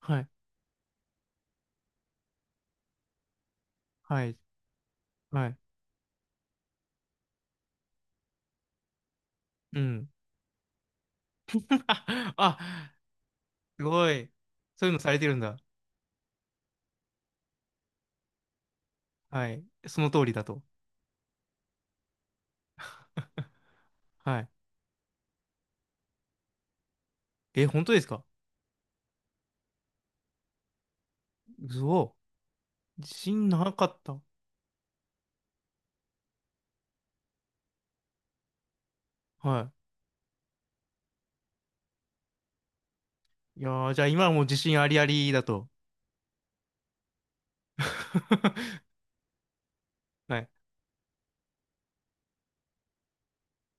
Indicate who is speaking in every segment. Speaker 1: はい、はい、はい。うん。あ、すごい。そういうのされてるんだ。はい。その通りだと。はい。え、本当ですか？うお、自信なかった。はい。いやー、じゃあ今はもう自信ありありだと。はい、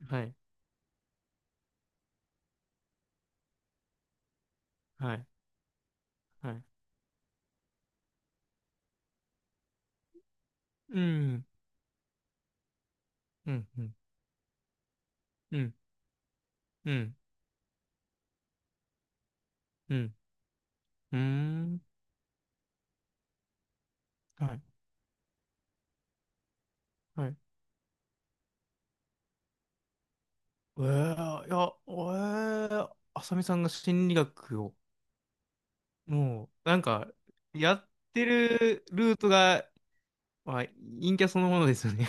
Speaker 1: はい、はい、はい。うん、うん、うん、うん、うん、うん、うーん。はい、はい。いや、あさみさんが心理学をもう、なんか、やってるルートが、まあ、陰キャそのものですよね。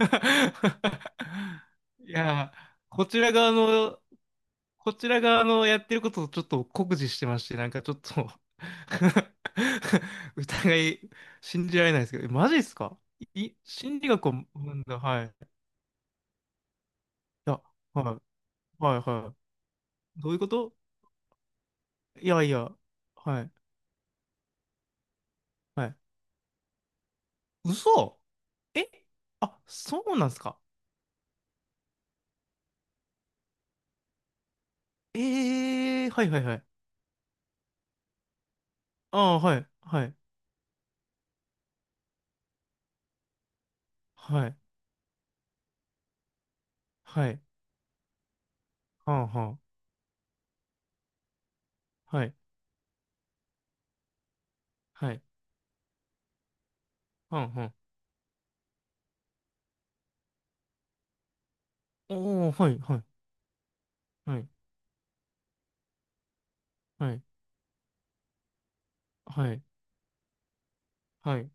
Speaker 1: いやー、こちら側の、こちら側のやってることをちょっと酷似してまして、なんかちょっと 疑い、信じられないですけど、えマジですか？心理学を学んだ。はい。いや、はい、はい、はい。どういうこと？いやいや、はい、はい。嘘？え？あ、そうなんですか？ええー、はいはいはい。ああ、はい、はい、はい、はい、はんはん、はい、はい、はんはん。おお、はい、はい、はい、はい、はい、はい、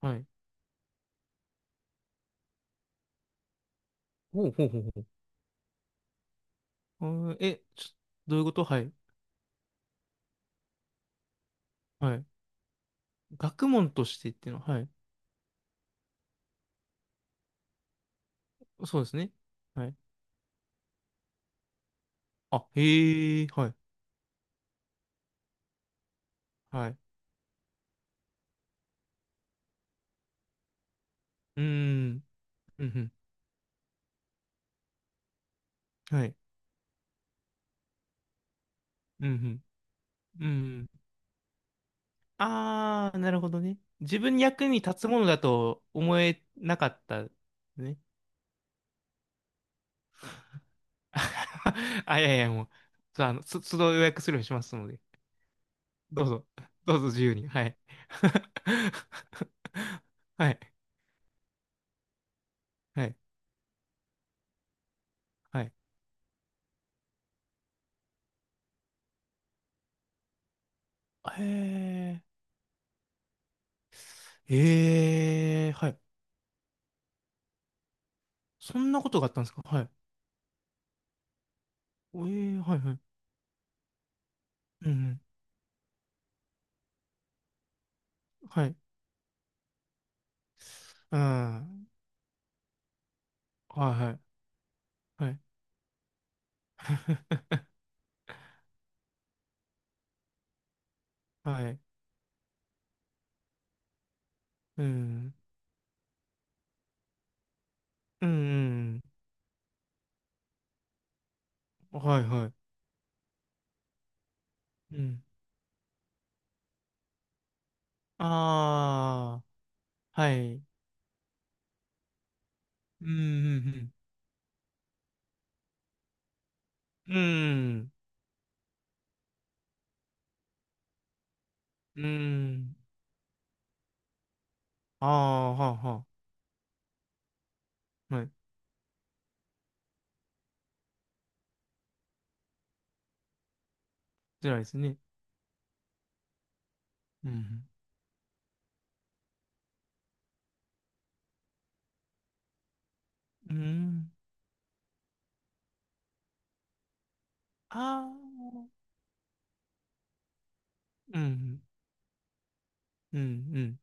Speaker 1: はい。ほうほうほうほう。あー、え、どういうこと？はい、はい。学問としてっていうのは、はい。そうですね。はい。あ、へえ、はい、はい。うーん、うん、うん、はい、うん、うん、うん。ああ、なるほどね。自分に役に立つものだと思えなかったね。あ、いやいや、もう、そう、都度予約するようにしますので、どうぞ、どうぞ自由に、はい。はい、はい、はい。へえ、ええ、はい。そんなことがあったんですか？はい。ええ、はい、はい。うん、うん、はい。うん、はい、はい、はい。はい、うん、うん、うん、はい、はい。うん。ああ、はい。うん、うん、うん。うん、うん。ああ、はあ、はあ。はい。辛いですね。うん。うん。ああ。うん。うん。うん。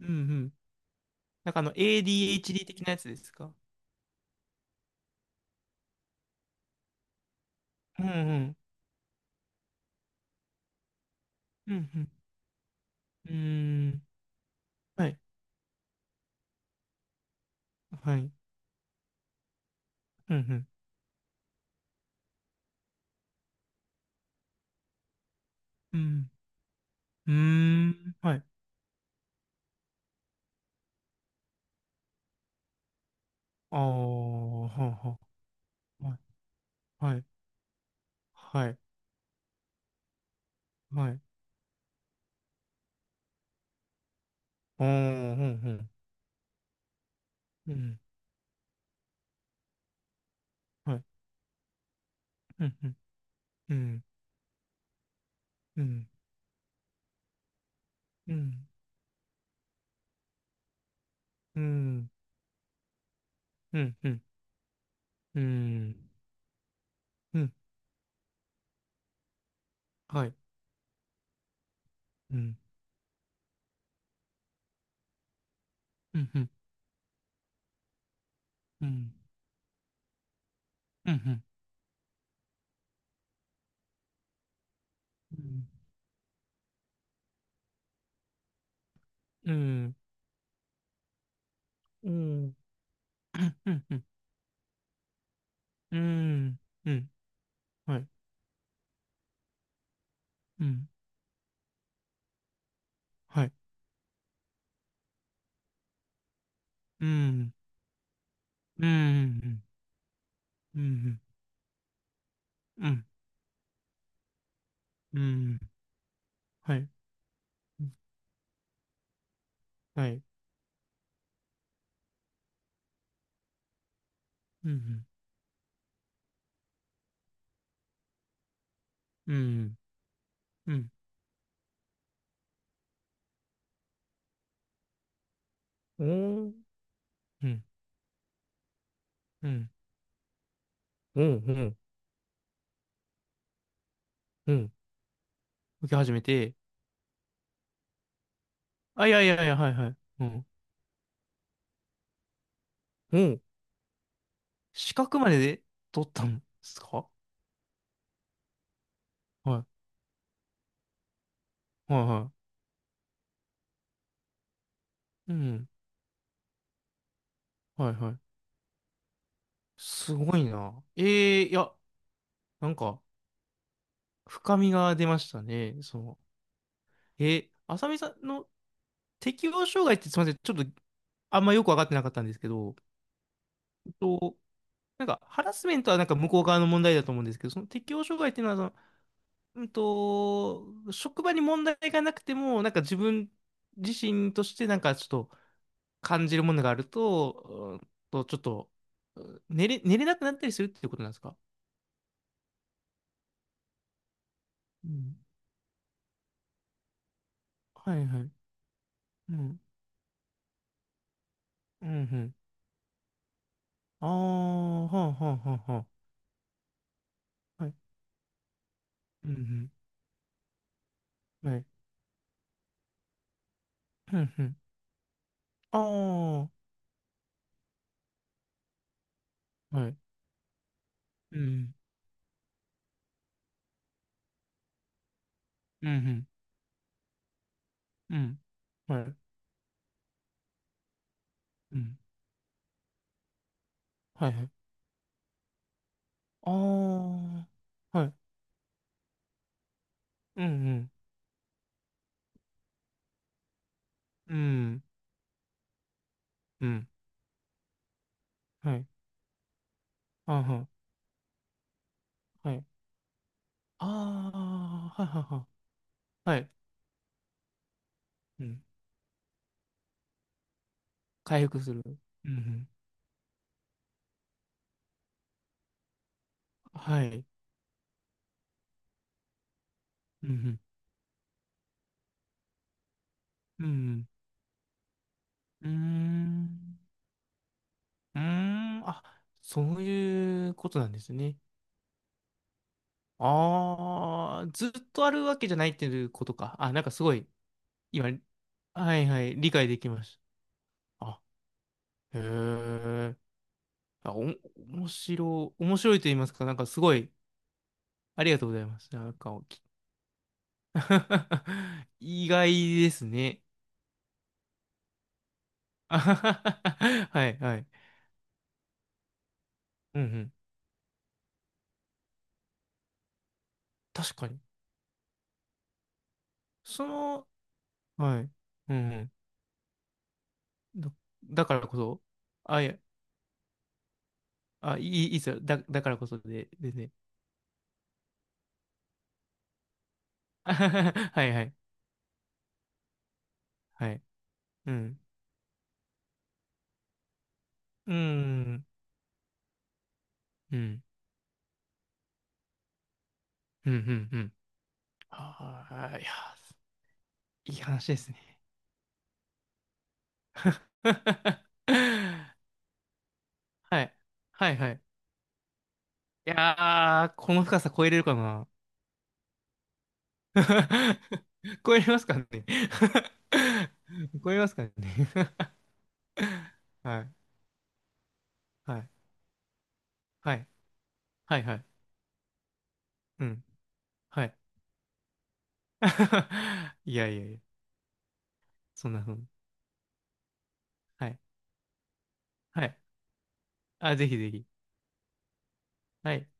Speaker 1: うん。うん、なんかあの、ADHD 的なやつですか？うん。うん。うん。うん。うん、はい。はい。うん。うん。うん。うん、はい。ああ、はあ、はあ。はい。はい。はい。はい。ああ、うん。うん。はい。うん。うん。うん。うん。うん。うん。うん。うん。うん。はい。うん。うん、うん、うん、うん、うん、うん、うん、うん、うん、うん、はい、うん、はい、うん、うん、うん、うん、うん、はい、はい、うん、うん、うん、うん、うん、うん、うん、うん、うん。受け始めて。あ、いやいやいや、はいはい、うん。うん資格までで取ったんですか？はい、はい、はい、うん、はい、はい。すごいな、ええ、いや、なんか深みが出ましたね。その、え、浅見さんの適応障害ってすみません、ちょっとあんまよく分かってなかったんですけど、えっと、なんかハラスメントはなんか向こう側の問題だと思うんですけど、その適応障害っていうのは職場に問題がなくても、なんか自分自身としてなんかちょっと感じるものがあると、ちょっとうん寝れなくなったりするっていうことなんですか？うん。はいはい。うん。うんうん。ああ、はあはあはあはあ。はい。うんうん。はい。うん、うん。ああ、はい。うん、うん、うん、うん。はい。うん。はい、はい。ああ、はい。うん、うん、うん、うん。はい。ああ、はん、はい。ああ、はい、はい、はい。はい。うん。回復する。うん、うん。はい。うん、うん。うん、うん。うーん。うーん。あ、そういうことなんですね。ああ、ずっとあるわけじゃないっていうことか。あ、なんかすごい、今、はいはい、理解できました。あ、へえ。あ、お、面白いと言いますか、なんかすごい、ありがとうございます。なんか、意外ですね。あははははいはい。うんうん。確かに。その、はい。うんうん。だからこそ、あ、いや、あ、いいっすよ。だからこそでね。あははははいはい。はい。うん。うん。うん。うんうんうん。ああ、いや、いい話ですね。はい。はいはい。いやー、この深さ超えれるかな？ 超えれますかね？ 超えますかね？ はい。はい。はい。はいはい。うん。はい。いやいやいや。そんなふうに。はい。はい。あ、ぜひぜひ。はい。